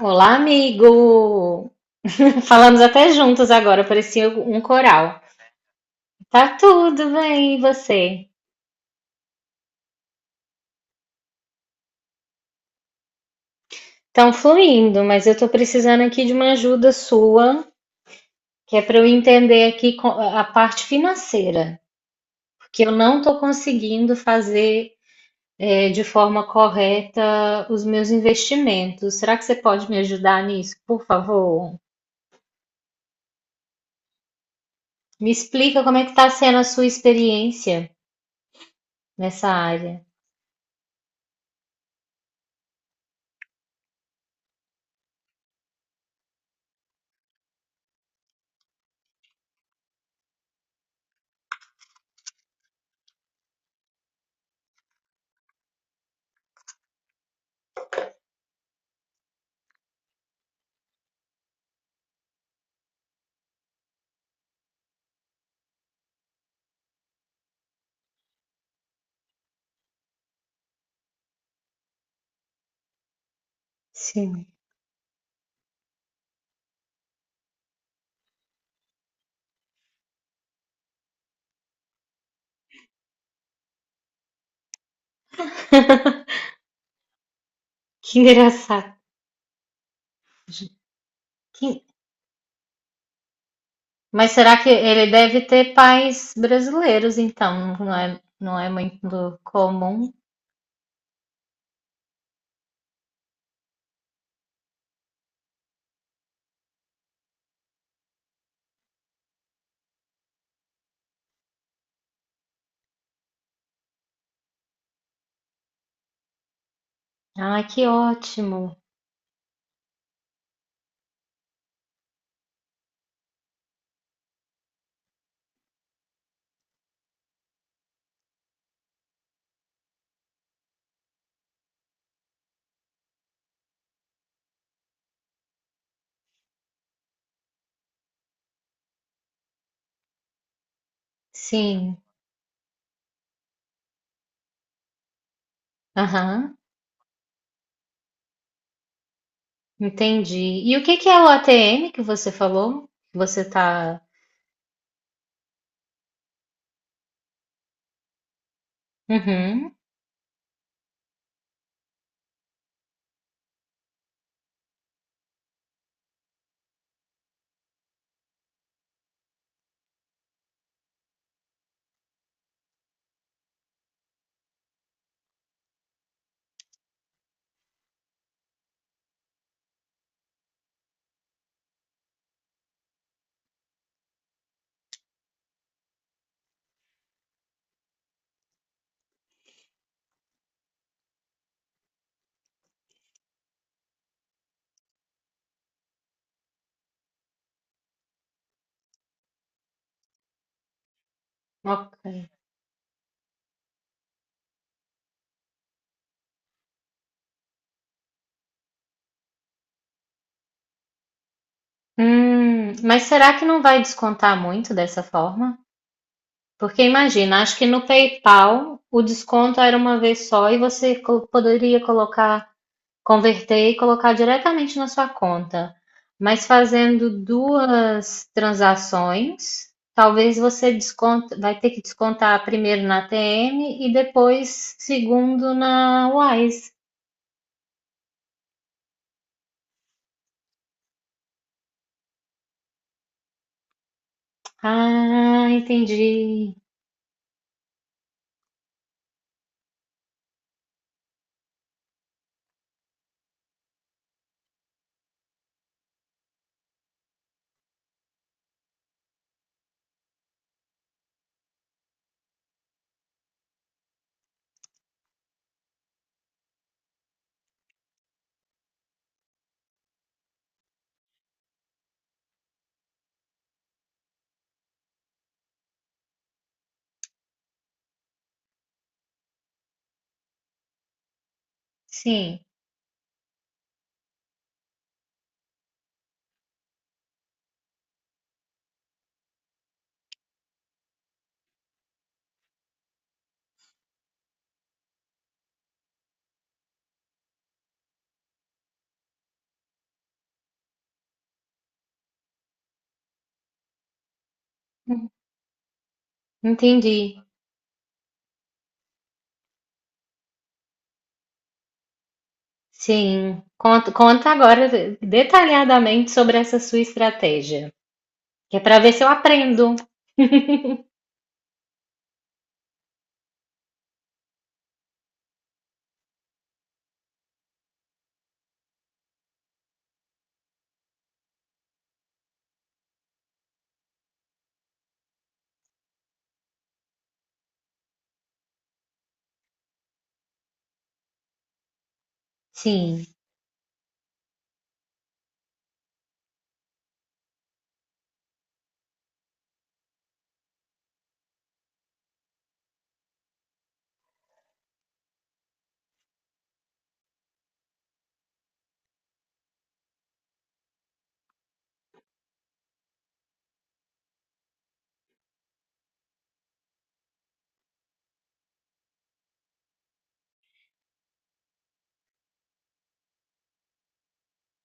Olá, amigo! Falamos até juntos agora, parecia um coral. Tá tudo bem, e você? Estão fluindo, mas eu tô precisando aqui de uma ajuda sua, que é para eu entender aqui a parte financeira, porque eu não tô conseguindo fazer de forma correta os meus investimentos. Será que você pode me ajudar nisso, por favor? Me explica como é que tá sendo a sua experiência nessa área. Sim, que engraçado. Que Mas será que ele deve ter pais brasileiros, então? Não é muito comum. Ah, que ótimo. Sim. Aham. Entendi. E o que que é o ATM que você falou? Você tá. Uhum. Ok. Mas será que não vai descontar muito dessa forma? Porque imagina, acho que no PayPal o desconto era uma vez só e você poderia colocar converter e colocar diretamente na sua conta. Mas fazendo duas transações, talvez você desconta, vai ter que descontar primeiro na TM e depois segundo na Wise. Ah, entendi. Sim, entendi. Sim. Conta, conta agora detalhadamente sobre essa sua estratégia, que é para ver se eu aprendo. Sim,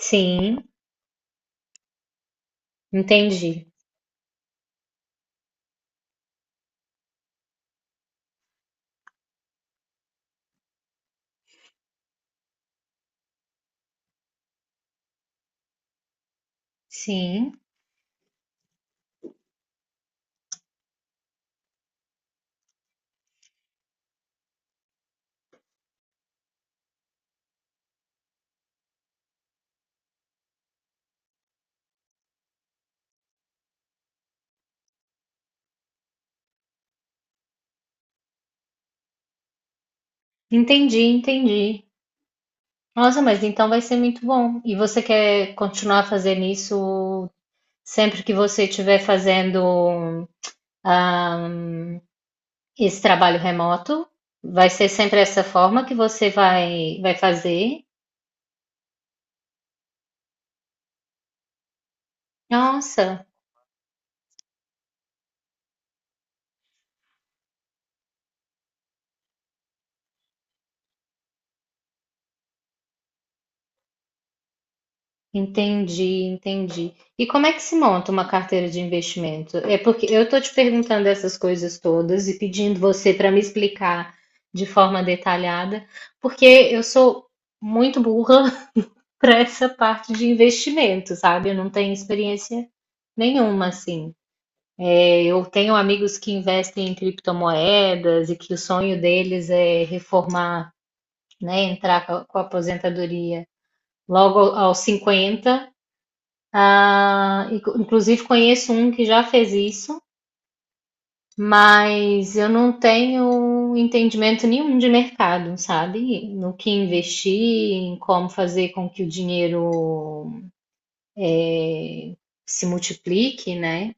sim, entendi. Sim, entendi, entendi. Nossa, mas então vai ser muito bom. E você quer continuar fazendo isso sempre que você estiver fazendo ah, esse trabalho remoto? Vai ser sempre essa forma que você vai fazer? Nossa, entendi, entendi. E como é que se monta uma carteira de investimento? É porque eu estou te perguntando essas coisas todas e pedindo você para me explicar de forma detalhada, porque eu sou muito burra para essa parte de investimento, sabe? Eu não tenho experiência nenhuma, assim. É, eu tenho amigos que investem em criptomoedas e que o sonho deles é reformar, né? Entrar com a aposentadoria logo aos 50. Ah, inclusive conheço um que já fez isso, mas eu não tenho entendimento nenhum de mercado, sabe? No que investir, em como fazer com que o dinheiro se multiplique, né?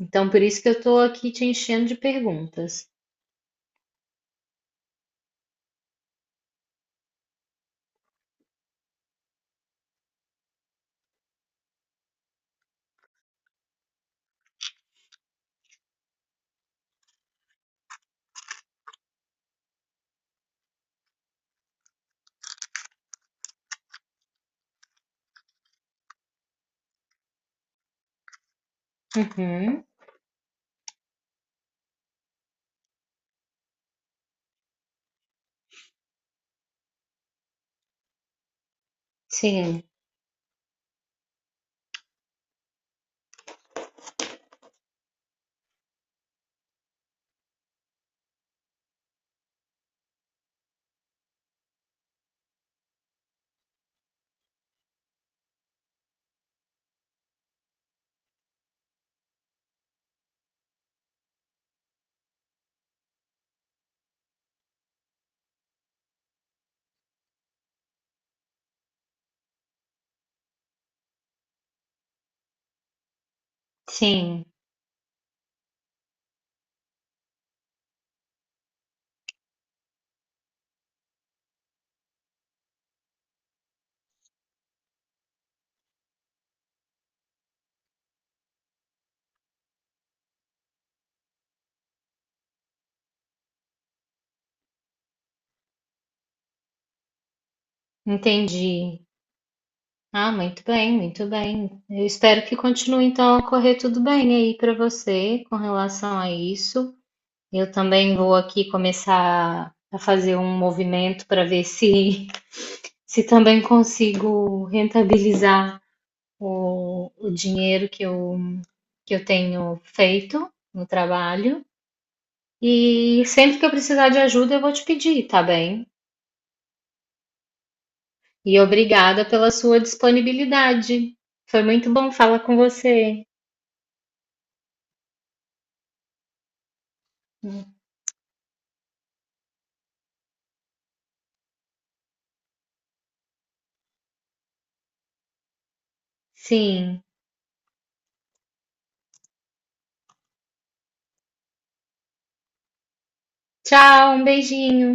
Então, por isso que eu tô aqui te enchendo de perguntas. Uhum. Sim, sim, entendi. Ah, muito bem, muito bem. Eu espero que continue então a correr tudo bem aí para você com relação a isso. Eu também vou aqui começar a fazer um movimento para ver se se também consigo rentabilizar o dinheiro que eu tenho feito no trabalho. E sempre que eu precisar de ajuda, eu vou te pedir, tá bem? E obrigada pela sua disponibilidade. Foi muito bom falar com você. Sim. Tchau, um beijinho.